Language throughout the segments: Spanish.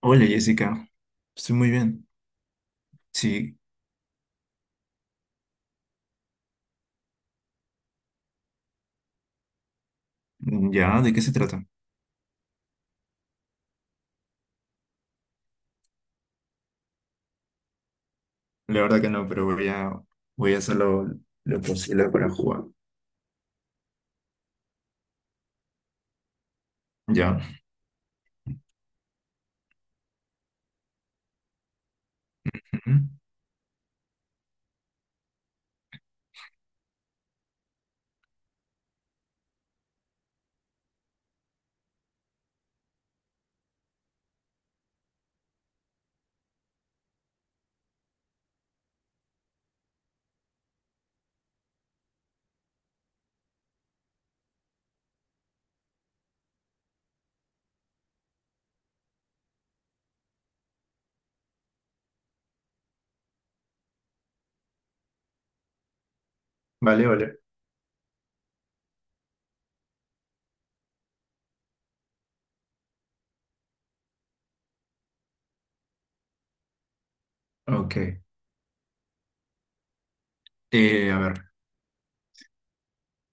Hola Jessica, estoy muy bien. Sí, ¿ya? ¿De qué se trata? La verdad que no, pero voy a hacer lo posible para jugar. ¿Ya? Ujú. Vale, vale. Ok. A ver.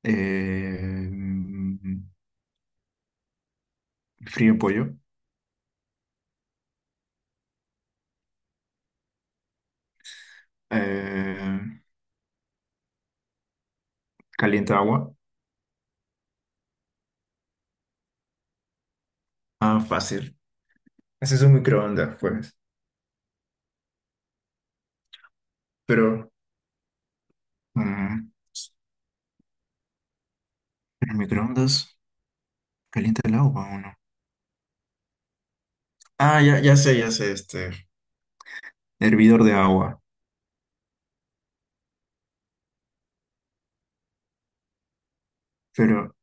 Eh, mm, frío pollo. Eh, calienta agua. Ah, fácil. Ese es un microondas, pues. Pero... mm, ¿el microondas calienta el agua o no? Ah, ya, ya sé, este. Hervidor de agua. Pero,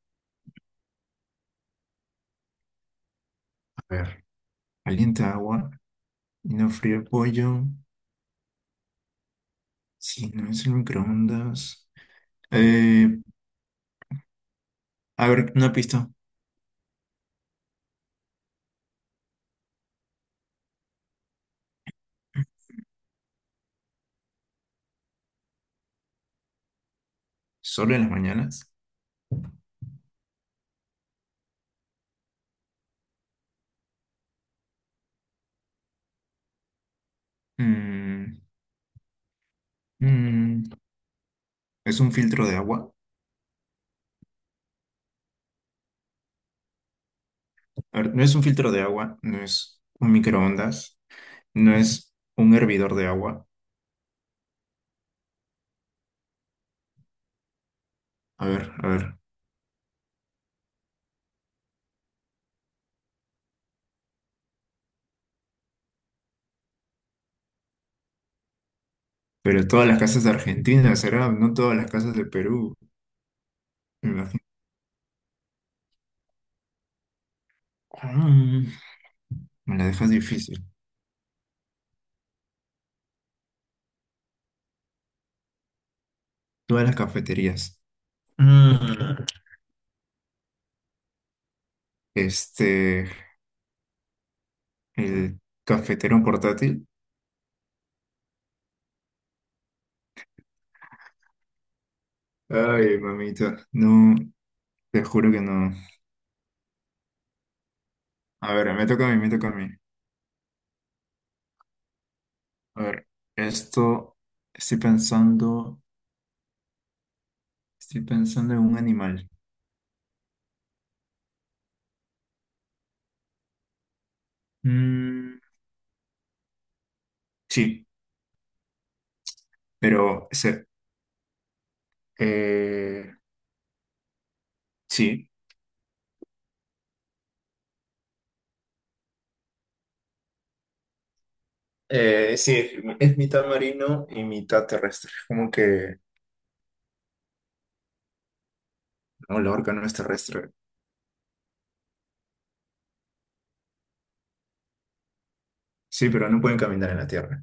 a ver, calienta agua. Y no frío el pollo. Si no es el microondas. Eh, a ver, una pista. ¿Solo en las mañanas? Mm, mm, ¿Es un filtro de agua? A ver, no es un filtro de agua. No es un microondas. No es un hervidor de agua. A ver, a ver. Pero todas las casas de Argentina, ¿será? No todas las casas de Perú. Me imagino. Mm, me la dejas difícil. Todas las cafeterías. Mm, Este, el cafetero portátil. Ay, mamita, no, te juro que no. A ver, me toca a mí, me toca a mí. A ver, esto, estoy pensando, estoy pensando en un animal. Mm, sí, pero, se- eh, sí. Sí, es mitad marino y mitad terrestre. Como que, no, la orca no es terrestre. Sí, pero no pueden caminar en la tierra.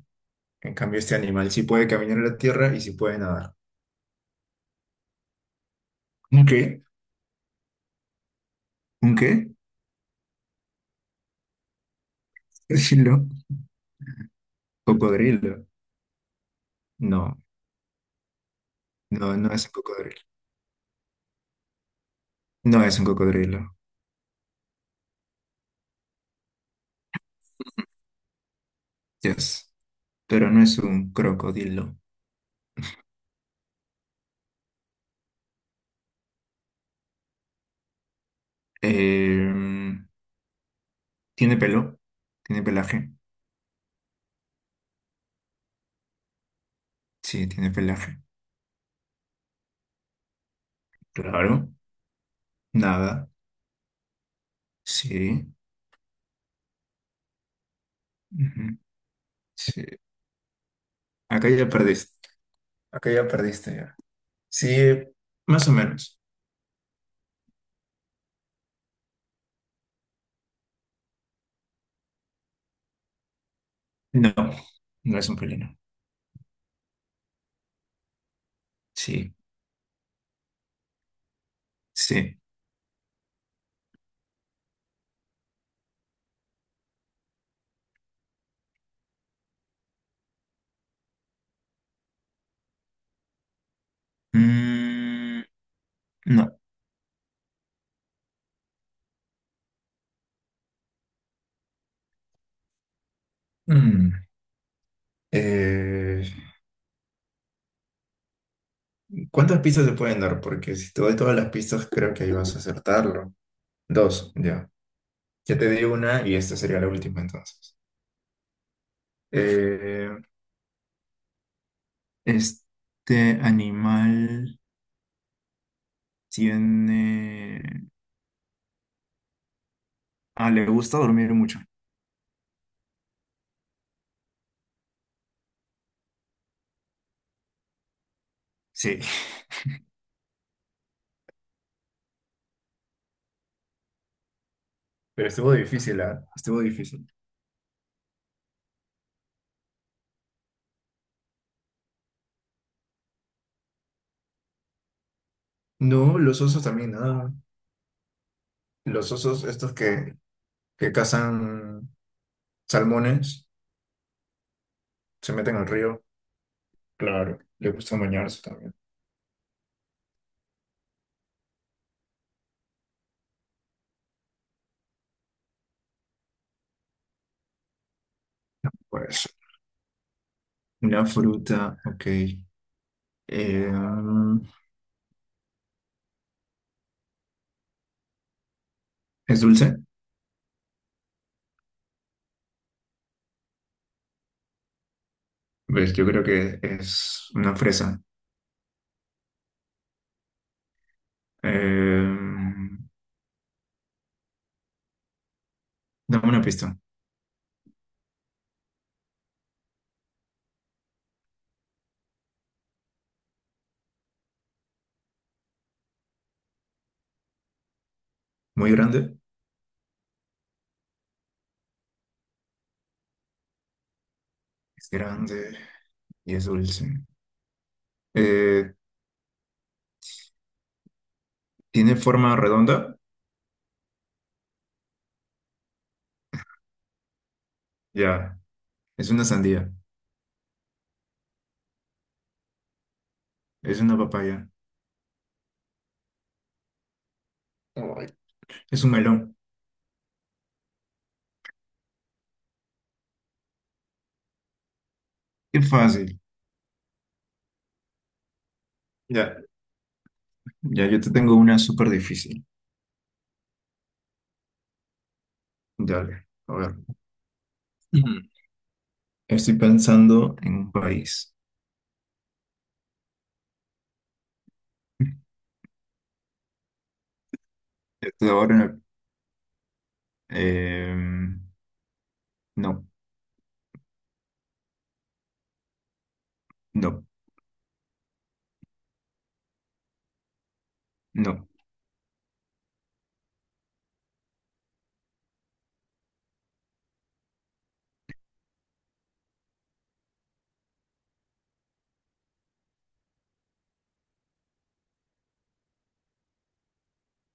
En cambio, este animal sí puede caminar en la tierra y sí puede nadar. ¿Un qué? ¿Un qué? Decirlo. Cocodrilo. No. No, no es un cocodrilo. No es un cocodrilo. Yes. Pero no es un crocodilo. Em, tiene pelo. Tiene pelaje. Sí, tiene pelaje. Claro. Nada. Sí. Ujú. Sí. Acá ya perdiste. Acá ya perdiste ya. Sí, más o menos. No, no es un felino. Sí, sí. Mm, no. Mm. Eh, ¿Cuántas pistas se pueden dar? Porque si te doy todas las pistas, creo que ahí vas a acertarlo. Dos, ya. Ya te di una y esta sería la última entonces. Eh, este animal tiene... Ah, le gusta dormir mucho. Sí, pero estuvo difícil, ¿ah? Estuvo difícil. No, los osos también, ah. Los osos estos que cazan salmones, se meten al río. Claro, le gusta bañarse también. Pues, una fruta, ok. Eh, ¿Es dulce? Pues yo creo que es una fresa. Eh, dame una pista. Muy grande. Es grande y es dulce. Eh, tiene forma redonda. Ya. Es una sandía. Es una papaya. Ay, es un melón. Qué fácil. Ya. Ya, yo te tengo una súper difícil. Dale. A ver. Mm. Estoy pensando en un país. Estoy ahora. Eh, no, no, no.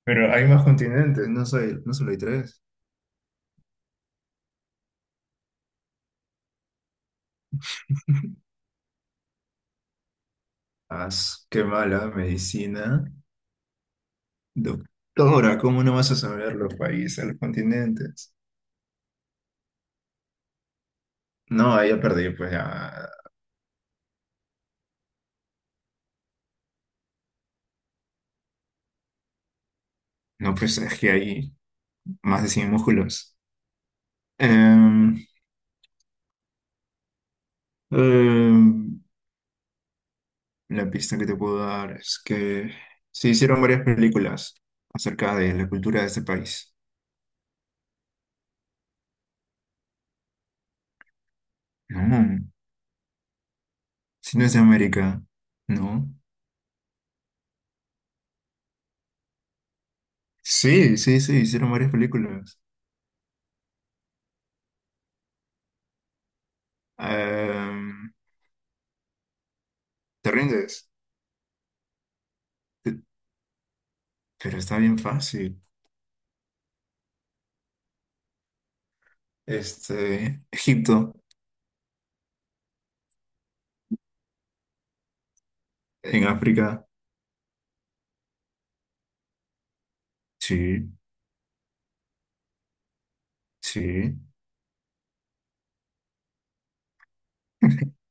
Pero hay más continentes. No soy, no solo hay tres. Ah, qué mala medicina. Doctora, ¿cómo no vas a saber los países, los continentes? No, ahí ya perdí, pues ya. No, pues es que hay más de 100 músculos. Em, em, la pista que te puedo dar es que se hicieron varias películas acerca de la cultura de este país. No, si no es de América, no. Sí, sí, sí, hicieron varias películas. Em, ¿te rindes? Pe- Pero está bien fácil. Este, Egipto, en África. Sí, sí.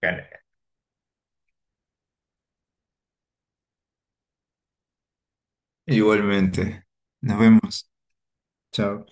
Dale. Igualmente. Nos vemos. Chao.